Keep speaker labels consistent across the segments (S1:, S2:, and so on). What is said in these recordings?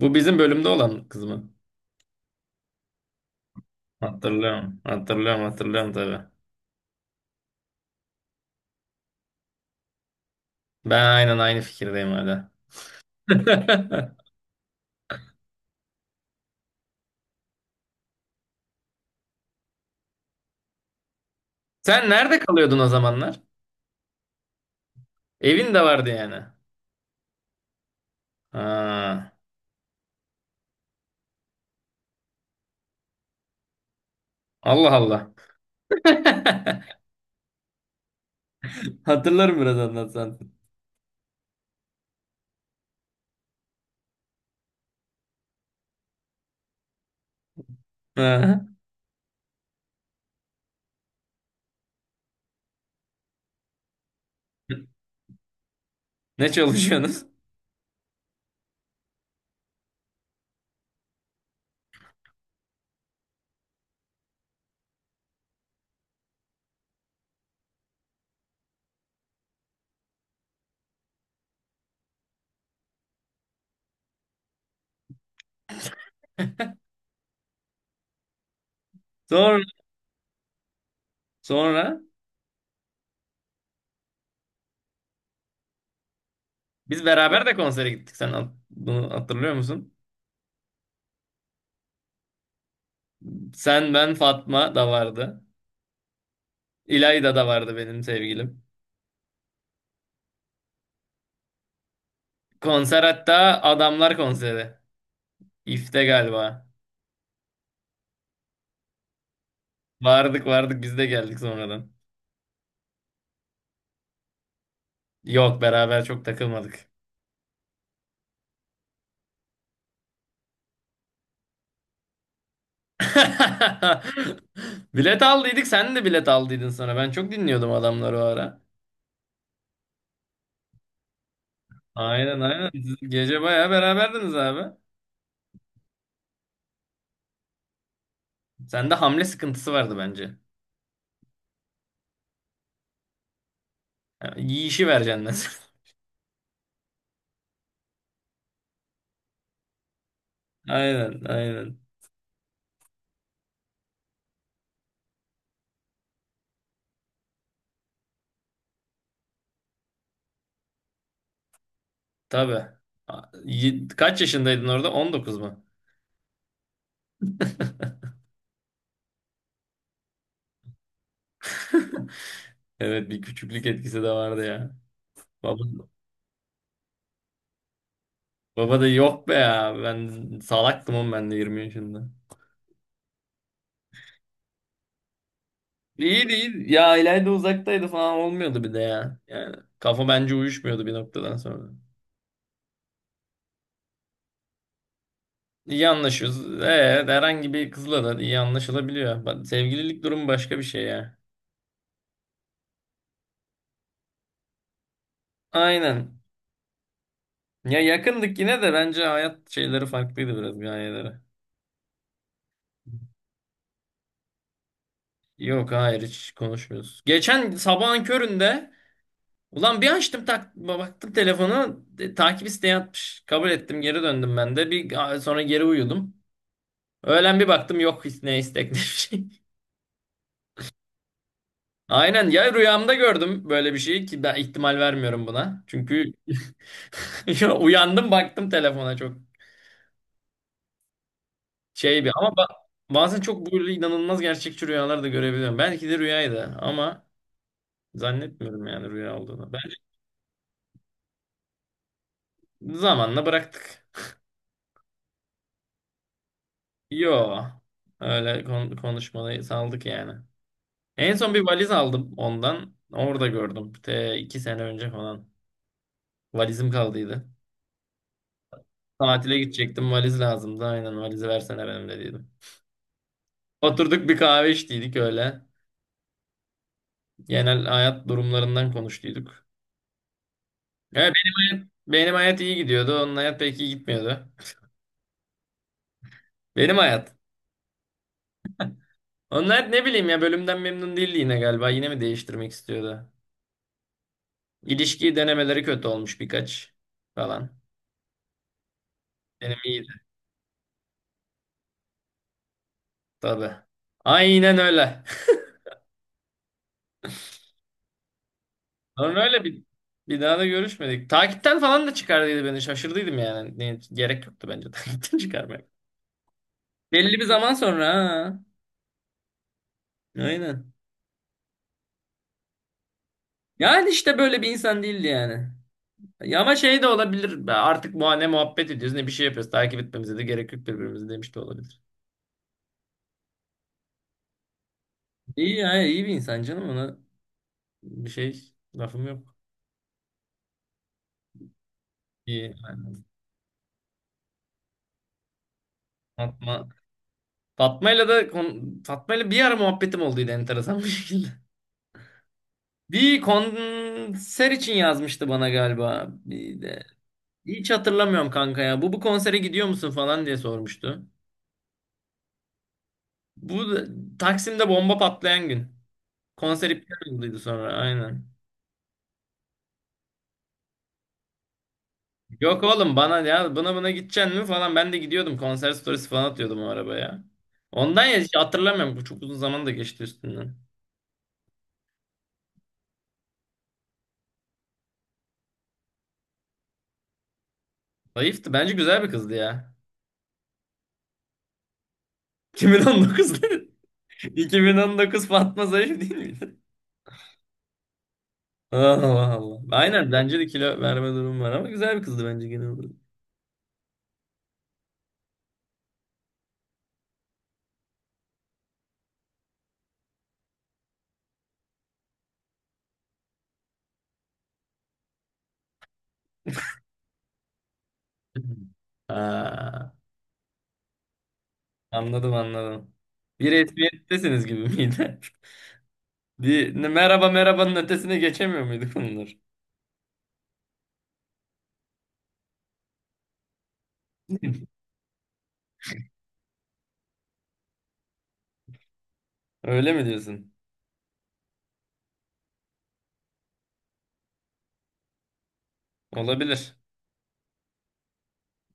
S1: Bu bizim bölümde olan kız mı? Hatırlıyorum. Hatırlıyorum hatırlıyorum tabii. Ben aynen aynı fikirdeyim hala. Sen nerede kalıyordun o zamanlar? Evin de vardı yani. Ha, Allah Allah. Hatırlarım biraz anlatsan. Ha. Ne çalışıyorsunuz? Sonra, sonra biz beraber de konsere gittik. Sen bunu hatırlıyor musun? Sen, ben, Fatma da vardı. İlayda da vardı benim sevgilim. Konser hatta Adamlar konseri. İF'te galiba. Vardık vardık biz de geldik sonradan. Yok, beraber çok takılmadık. Bilet aldıydık, sen de bilet aldıydın sonra. Ben çok dinliyordum adamları o ara. Aynen, aynen. Siz gece bayağı beraberdiniz abi. Sende hamle sıkıntısı vardı bence. Yani yiyişi vereceksin mesela. Aynen, aynen. Tabii. Kaç yaşındaydın orada? 19 mu? Evet, bir küçüklük etkisi de vardı ya. Baba, baba da yok be ya. Ben salaktım oğlum, ben de 20 yaşında. İyi değil. Ya İlayda uzaktaydı falan, olmuyordu bir de ya. Yani kafa bence uyuşmuyordu bir noktadan sonra. İyi anlaşıyoruz. Herhangi bir kızla da iyi anlaşılabiliyor. Bak, sevgililik durumu başka bir şey ya. Aynen. Ya, yakındık yine de, bence hayat şeyleri farklıydı biraz, gayeleri. Yok, hayır, hiç konuşmuyoruz. Geçen sabahın köründe ulan bir açtım tak baktım telefonu, takip isteği atmış. Kabul ettim, geri döndüm ben de. Bir sonra geri uyudum. Öğlen bir baktım, yok ne istek ne bir şey. Aynen, ya rüyamda gördüm böyle bir şeyi ki ben ihtimal vermiyorum buna. Çünkü ya uyandım baktım telefona, çok şey bir ama bazen çok böyle inanılmaz gerçekçi rüyalar da görebiliyorum. Belki de rüyaydı ama zannetmiyorum yani rüya olduğunu. Ben zamanla bıraktık. Yo, öyle konuşmayı saldık yani. En son bir valiz aldım ondan. Orada gördüm. Te iki sene önce falan. Valizim kaldıydı. Tatile gidecektim, valiz lazımdı. Aynen, valizi versene benim dediydim. Oturduk bir kahve içtiydik öyle. Genel hayat durumlarından konuştuyduk. Evet, benim hayat iyi gidiyordu. Onun hayat pek iyi gitmiyordu. Benim hayat. Onun hayat, ne bileyim ya, bölümden memnun değildi yine galiba. Yine mi değiştirmek istiyordu? İlişki denemeleri kötü olmuş birkaç falan. Benim iyiydi tabii. Aynen öyle. Sonra öyle bir bir daha da görüşmedik. Takipten falan da çıkardıydı beni. Şaşırdıydım yani. Ne, gerek yoktu bence takipten çıkarmaya. Belli bir zaman sonra, ha. Aynen. Yani işte böyle bir insan değildi yani. Ya ama şey de olabilir. Artık bu, ne muhabbet ediyoruz ne bir şey yapıyoruz. Takip etmemize de gerek yok birbirimizi demiş de olabilir. İyi, ya iyi bir insan canım, ona bir şey lafım yok. İyi. Yani Fatma. Fatma'yla bir ara muhabbetim olduydı enteresan bir şekilde. Bir konser için yazmıştı bana galiba. Bir de. Hiç hatırlamıyorum kanka ya. Bu konsere gidiyor musun falan diye sormuştu. Bu da- Taksim'de bomba patlayan gün. Konser iptal olduydu sonra, aynen. Yok oğlum, bana ya buna, gideceksin mi falan, ben de gidiyordum, konser storiesi falan atıyordum o arabaya. Ondan, ya hiç hatırlamıyorum, bu çok uzun zaman da geçti üstünden. Zayıftı bence, güzel bir kızdı ya. 2019 2019 Fatma zayıf değil miydi? Allah Allah. Aynen, bence de kilo verme durumu var ama güzel bir kızdı bence genel olarak. Ha, anladım, anladım. Bir resmiyettesiniz gibi miydi? Bir merhaba merhabanın ötesine geçemiyor muyduk bunlar? Öyle mi diyorsun? Olabilir.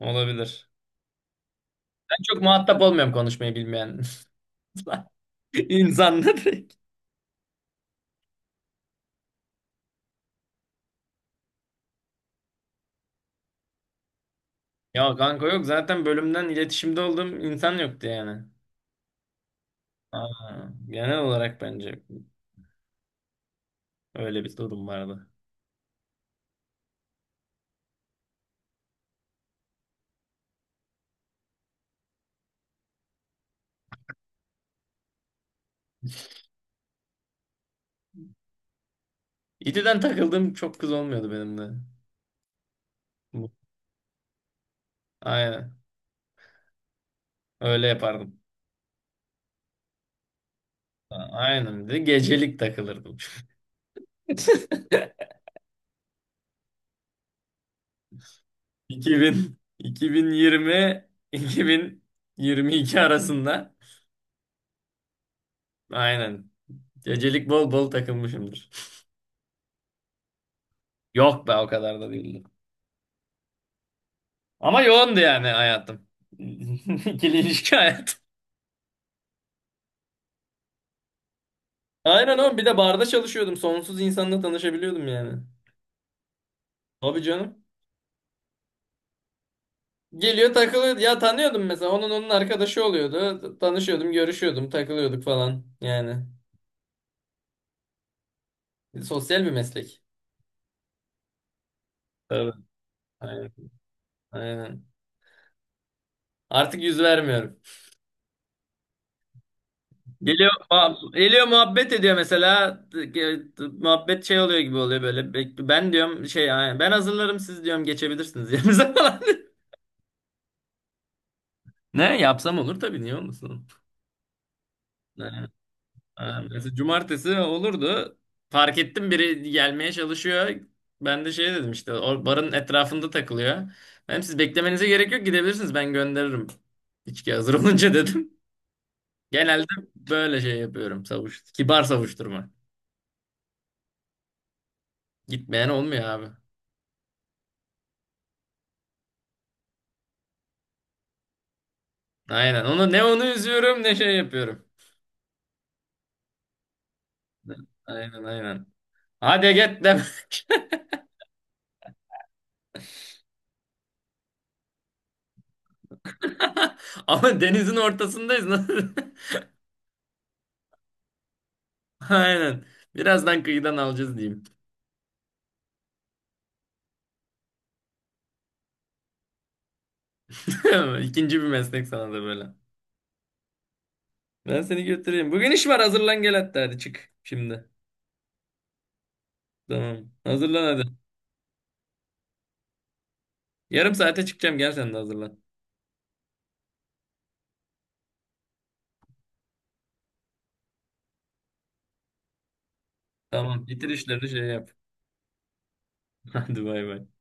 S1: Olabilir. Ben çok muhatap olmuyorum konuşmayı bilmeyen insanla direkt. Ya kanka, yok zaten bölümden iletişimde olduğum insan yoktu yani. Aa, genel olarak bence öyle bir durum vardı. İTÜ'den takıldığım çok kız olmuyordu benim de. Bu- Aynen. Öyle yapardım. Aynen, bir de gecelik takılırdım. 2000 2020 2022 arasında, aynen, gecelik bol bol takılmışımdır. Yok be, o kadar da değildi. Ama yoğundu yani hayatım. İkili ilişki hayatım. Aynen oğlum, bir de barda çalışıyordum. Sonsuz insanla tanışabiliyordum yani. Tabii canım. Geliyor, takılıyor. Ya tanıyordum mesela. Onun arkadaşı oluyordu. Tanışıyordum, görüşüyordum, takılıyorduk falan. Yani. Sosyal bir meslek. Tabii. Aynen. Aynen. Artık yüz vermiyorum. Geliyor muhabbet ediyor mesela. Muhabbet şey oluyor gibi oluyor böyle. Ben diyorum şey yani, ben hazırlarım siz diyorum, geçebilirsiniz yerinize falan. Ne yapsam olur tabii, niye olmasın? Ne? Ha, mesela cumartesi olurdu. Fark ettim biri gelmeye çalışıyor. Ben de şey dedim, işte o barın etrafında takılıyor. Hem siz beklemenize gerek yok, gidebilirsiniz, ben gönderirim. İçki hazır olunca, dedim. Genelde böyle şey yapıyorum, savuş. Kibar savuşturma. Gitmeyen olmuyor abi. Aynen. Onu ne onu üzüyorum ne şey yapıyorum. Aynen, aynen. Hadi git demek. Ama denizin ortasındayız. Nasıl? Aynen. Birazdan kıyıdan alacağız diyeyim. İkinci bir meslek sana da böyle. Ben seni götüreyim. Bugün iş var, hazırlan gel, hatta hadi çık şimdi. Tamam. Hazırlan hadi. Yarım saate çıkacağım, gel sen de hazırlan. Tamam, bitir işlerini, şey yap. Hadi, bay bay.